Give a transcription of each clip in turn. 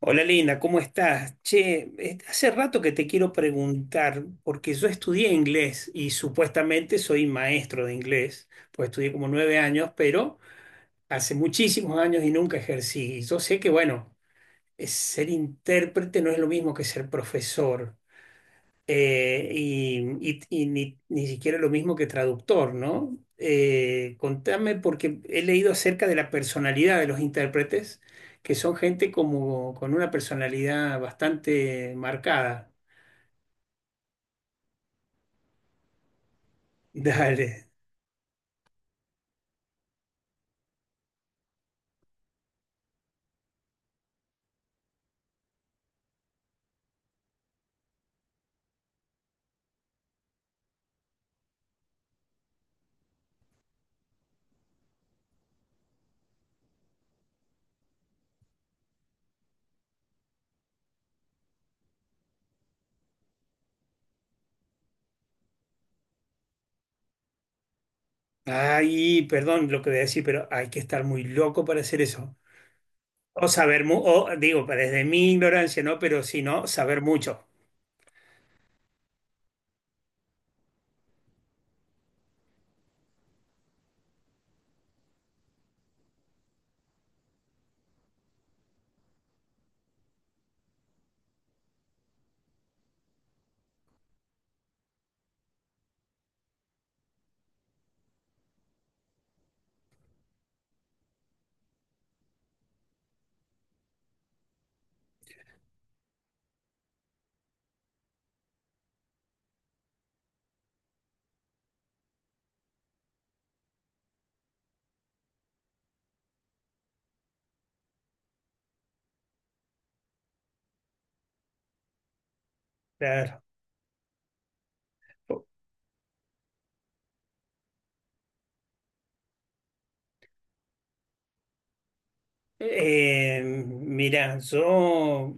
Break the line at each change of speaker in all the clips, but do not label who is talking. Hola Lina, ¿cómo estás? Che, hace rato que te quiero preguntar, porque yo estudié inglés y supuestamente soy maestro de inglés, pues estudié como 9 años, pero hace muchísimos años y nunca ejercí. Y yo sé que, bueno, ser intérprete no es lo mismo que ser profesor. Y ni siquiera lo mismo que traductor, ¿no? Contame, porque he leído acerca de la personalidad de los intérpretes, que son gente como con una personalidad bastante marcada. Dale. Ay, perdón lo que voy a decir, pero hay que estar muy loco para hacer eso. O saber, o digo, pues, desde mi ignorancia, ¿no? Pero si no, saber mucho. Claro. Mira,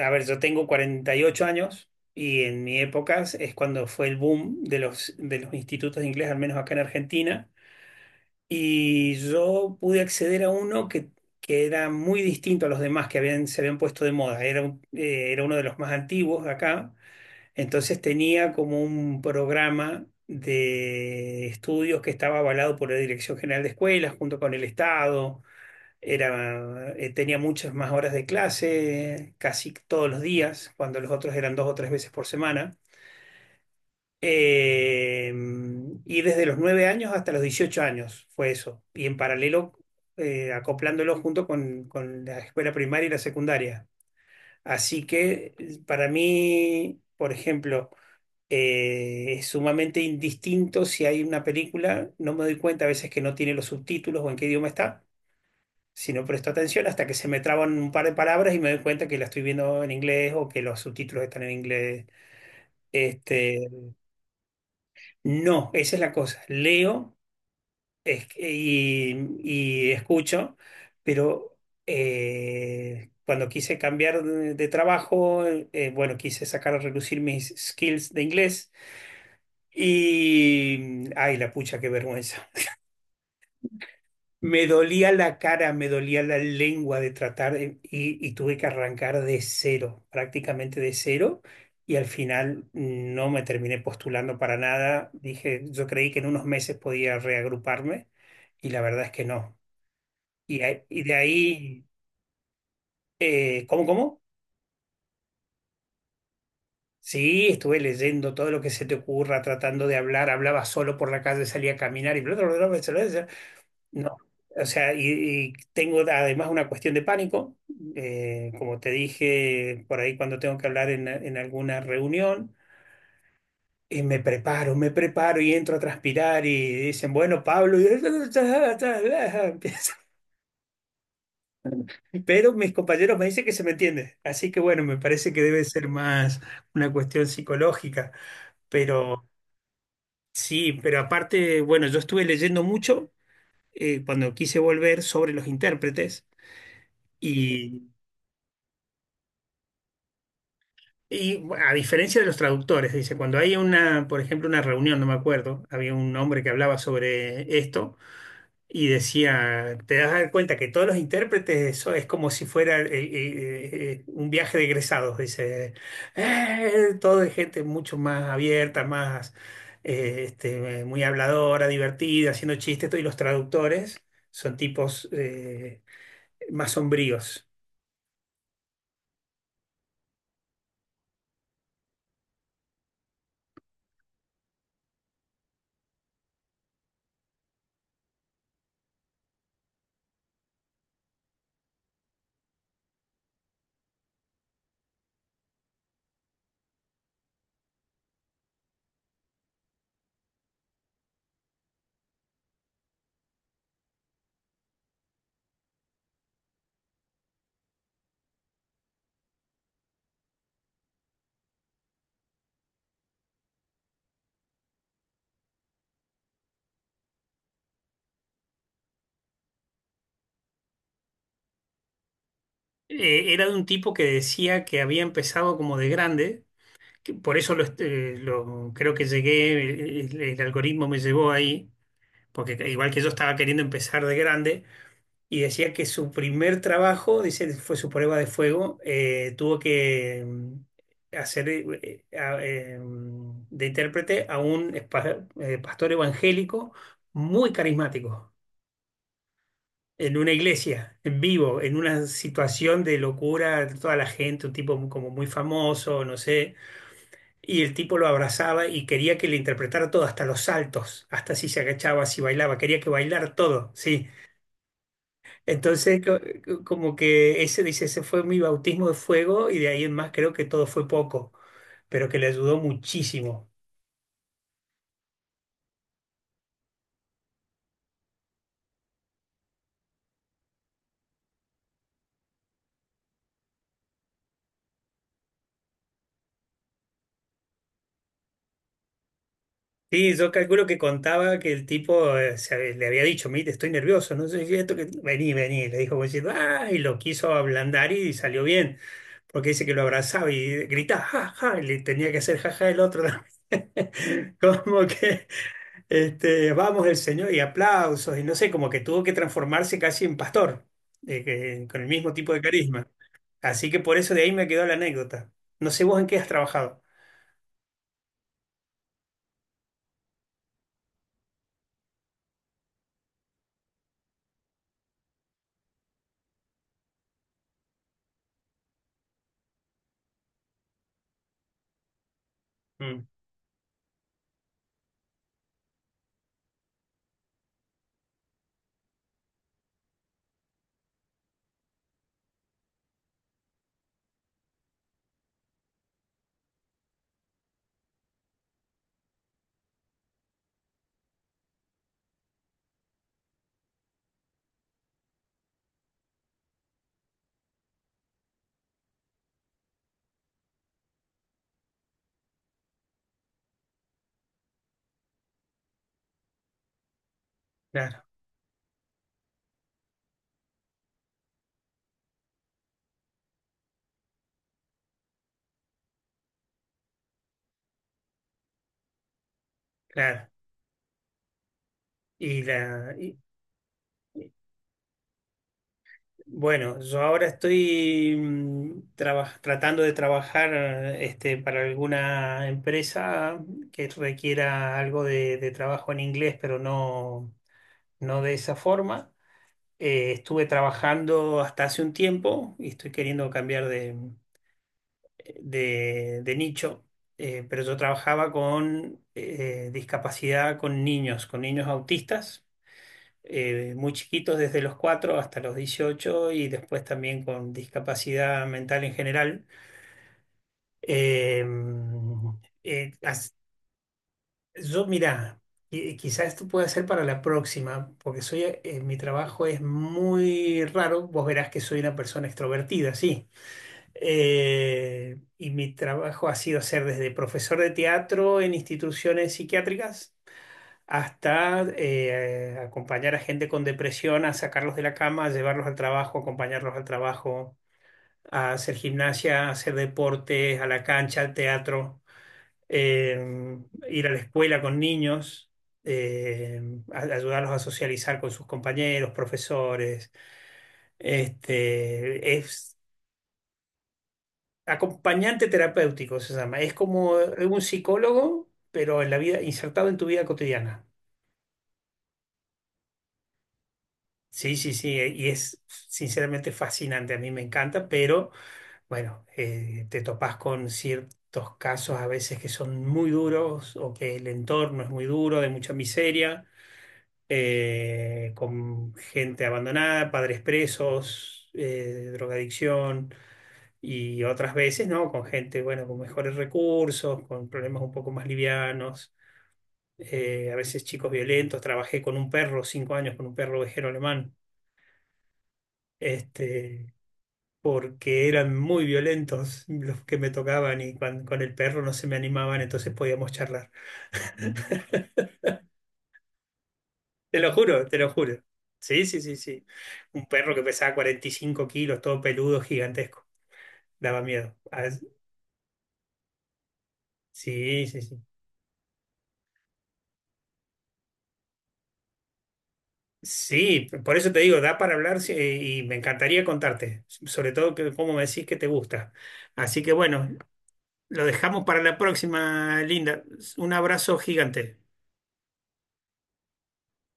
a ver, yo tengo 48 años, y en mi época es cuando fue el boom de los institutos de inglés, al menos acá en Argentina, y yo pude acceder a uno que era muy distinto a los demás que habían, se habían puesto de moda. Era, era uno de los más antiguos acá, entonces tenía como un programa de estudios que estaba avalado por la Dirección General de Escuelas junto con el Estado. Tenía muchas más horas de clase, casi todos los días, cuando los otros eran dos o tres veces por semana. Eh, y desde los 9 años hasta los 18 años fue eso. Y en paralelo, acoplándolo junto con la escuela primaria y la secundaria. Así que para mí, por ejemplo, es sumamente indistinto. Si hay una película, no me doy cuenta a veces que no tiene los subtítulos o en qué idioma está, si no presto atención, hasta que se me traban un par de palabras y me doy cuenta que la estoy viendo en inglés o que los subtítulos están en inglés. Este, no, esa es la cosa. Leo, y escucho, pero cuando quise cambiar de trabajo, bueno, quise sacar a relucir mis skills de inglés y, ay, la pucha, qué vergüenza. Me dolía la cara, me dolía la lengua de tratar y tuve que arrancar de cero, prácticamente de cero. Y al final no me terminé postulando para nada. Dije, yo creí que en unos meses podía reagruparme, y la verdad es que no. Y, de ahí, ¿cómo, cómo? Sí, estuve leyendo todo lo que se te ocurra, tratando de hablar. Hablaba solo por la calle, salía a caminar y bla, bla, bla, bla, bla, bla, bla. No, o sea, y tengo además una cuestión de pánico, como te dije por ahí, cuando tengo que hablar en alguna reunión, y me preparo y entro a transpirar y dicen, bueno, Pablo, y empieza. Pero mis compañeros me dicen que se me entiende, así que bueno, me parece que debe ser más una cuestión psicológica, pero sí, pero aparte, bueno, yo estuve leyendo mucho cuando quise volver sobre los intérpretes. Y Y bueno, a diferencia de los traductores, dice, cuando hay una, por ejemplo, una reunión, no me acuerdo, había un hombre que hablaba sobre esto y decía, te das dar cuenta que todos los intérpretes, eso es como si fuera un viaje de egresados. Dice, Todo es gente mucho más abierta, más muy habladora, divertida, haciendo chistes, todo, y los traductores son tipos más sombríos". Era de un tipo que decía que había empezado como de grande. Que Por eso creo que llegué, el algoritmo me llevó ahí, porque igual que yo estaba queriendo empezar de grande, y decía que su primer trabajo, dice, fue su prueba de fuego. Tuvo que hacer, de intérprete a un pastor evangélico muy carismático, en una iglesia, en vivo, en una situación de locura, toda la gente, un tipo como muy famoso, no sé. Y el tipo lo abrazaba y quería que le interpretara todo, hasta los saltos, hasta si se agachaba, si bailaba, quería que bailar todo, sí. Entonces, como que ese, dice, ese fue mi bautismo de fuego, y de ahí en más creo que todo fue poco, pero que le ayudó muchísimo. Sí, yo calculo que contaba que el tipo, le había dicho, mire, estoy nervioso, no sé si esto que. Vení, vení, le dijo, como diciendo, ah, y lo quiso ablandar y salió bien. Porque dice que lo abrazaba y gritaba, ja, ja, y le tenía que hacer ja, ja el otro también. Como que, vamos el Señor y aplausos, y no sé, como que tuvo que transformarse casi en pastor, con el mismo tipo de carisma. Así que por eso de ahí me quedó la anécdota. No sé vos en qué has trabajado. Mm, claro, claro. Y la, Bueno, yo ahora estoy tratando de trabajar, para alguna empresa que requiera algo de trabajo en inglés, pero no, no de esa forma. Estuve trabajando hasta hace un tiempo y estoy queriendo cambiar de nicho. Pero yo trabajaba con discapacidad, con niños autistas, muy chiquitos, desde los 4 hasta los dieciocho, y después también con discapacidad mental en general. Eh, eh, as- yo, mira, quizás esto pueda ser para la próxima, porque mi trabajo es muy raro. Vos verás que soy una persona extrovertida, sí. Y mi trabajo ha sido ser desde profesor de teatro en instituciones psiquiátricas, hasta acompañar a gente con depresión, a sacarlos de la cama, a llevarlos al trabajo, acompañarlos al trabajo, a hacer gimnasia, a hacer deporte, a la cancha, al teatro, eh, ir a la escuela con niños, eh, ayudarlos a socializar con sus compañeros, profesores. Es acompañante terapéutico, se llama. Es como un psicólogo, pero en la vida, insertado en tu vida cotidiana. Sí, sí, sí, y es sinceramente fascinante, a mí me encanta, pero bueno, te topás con ciertos casos a veces que son muy duros o que el entorno es muy duro, de mucha miseria, con gente abandonada, padres presos, drogadicción, y otras veces, ¿no? Con gente, bueno, con mejores recursos, con problemas un poco más livianos, a veces chicos violentos. Trabajé con un perro, 5 años con un perro ovejero alemán. Este, Porque eran muy violentos los que me tocaban, y el perro no se me animaban, entonces podíamos charlar. Te lo juro, te lo juro. Sí, sí, sí, sí. Un perro que pesaba 45 kilos, todo peludo, gigantesco. Daba miedo. Ah, sí, sí, sí. Sí, por eso te digo, da para hablar, sí, y me encantaría contarte, sobre todo que cómo me decís que te gusta. Así que bueno, lo dejamos para la próxima, Linda. Un abrazo gigante.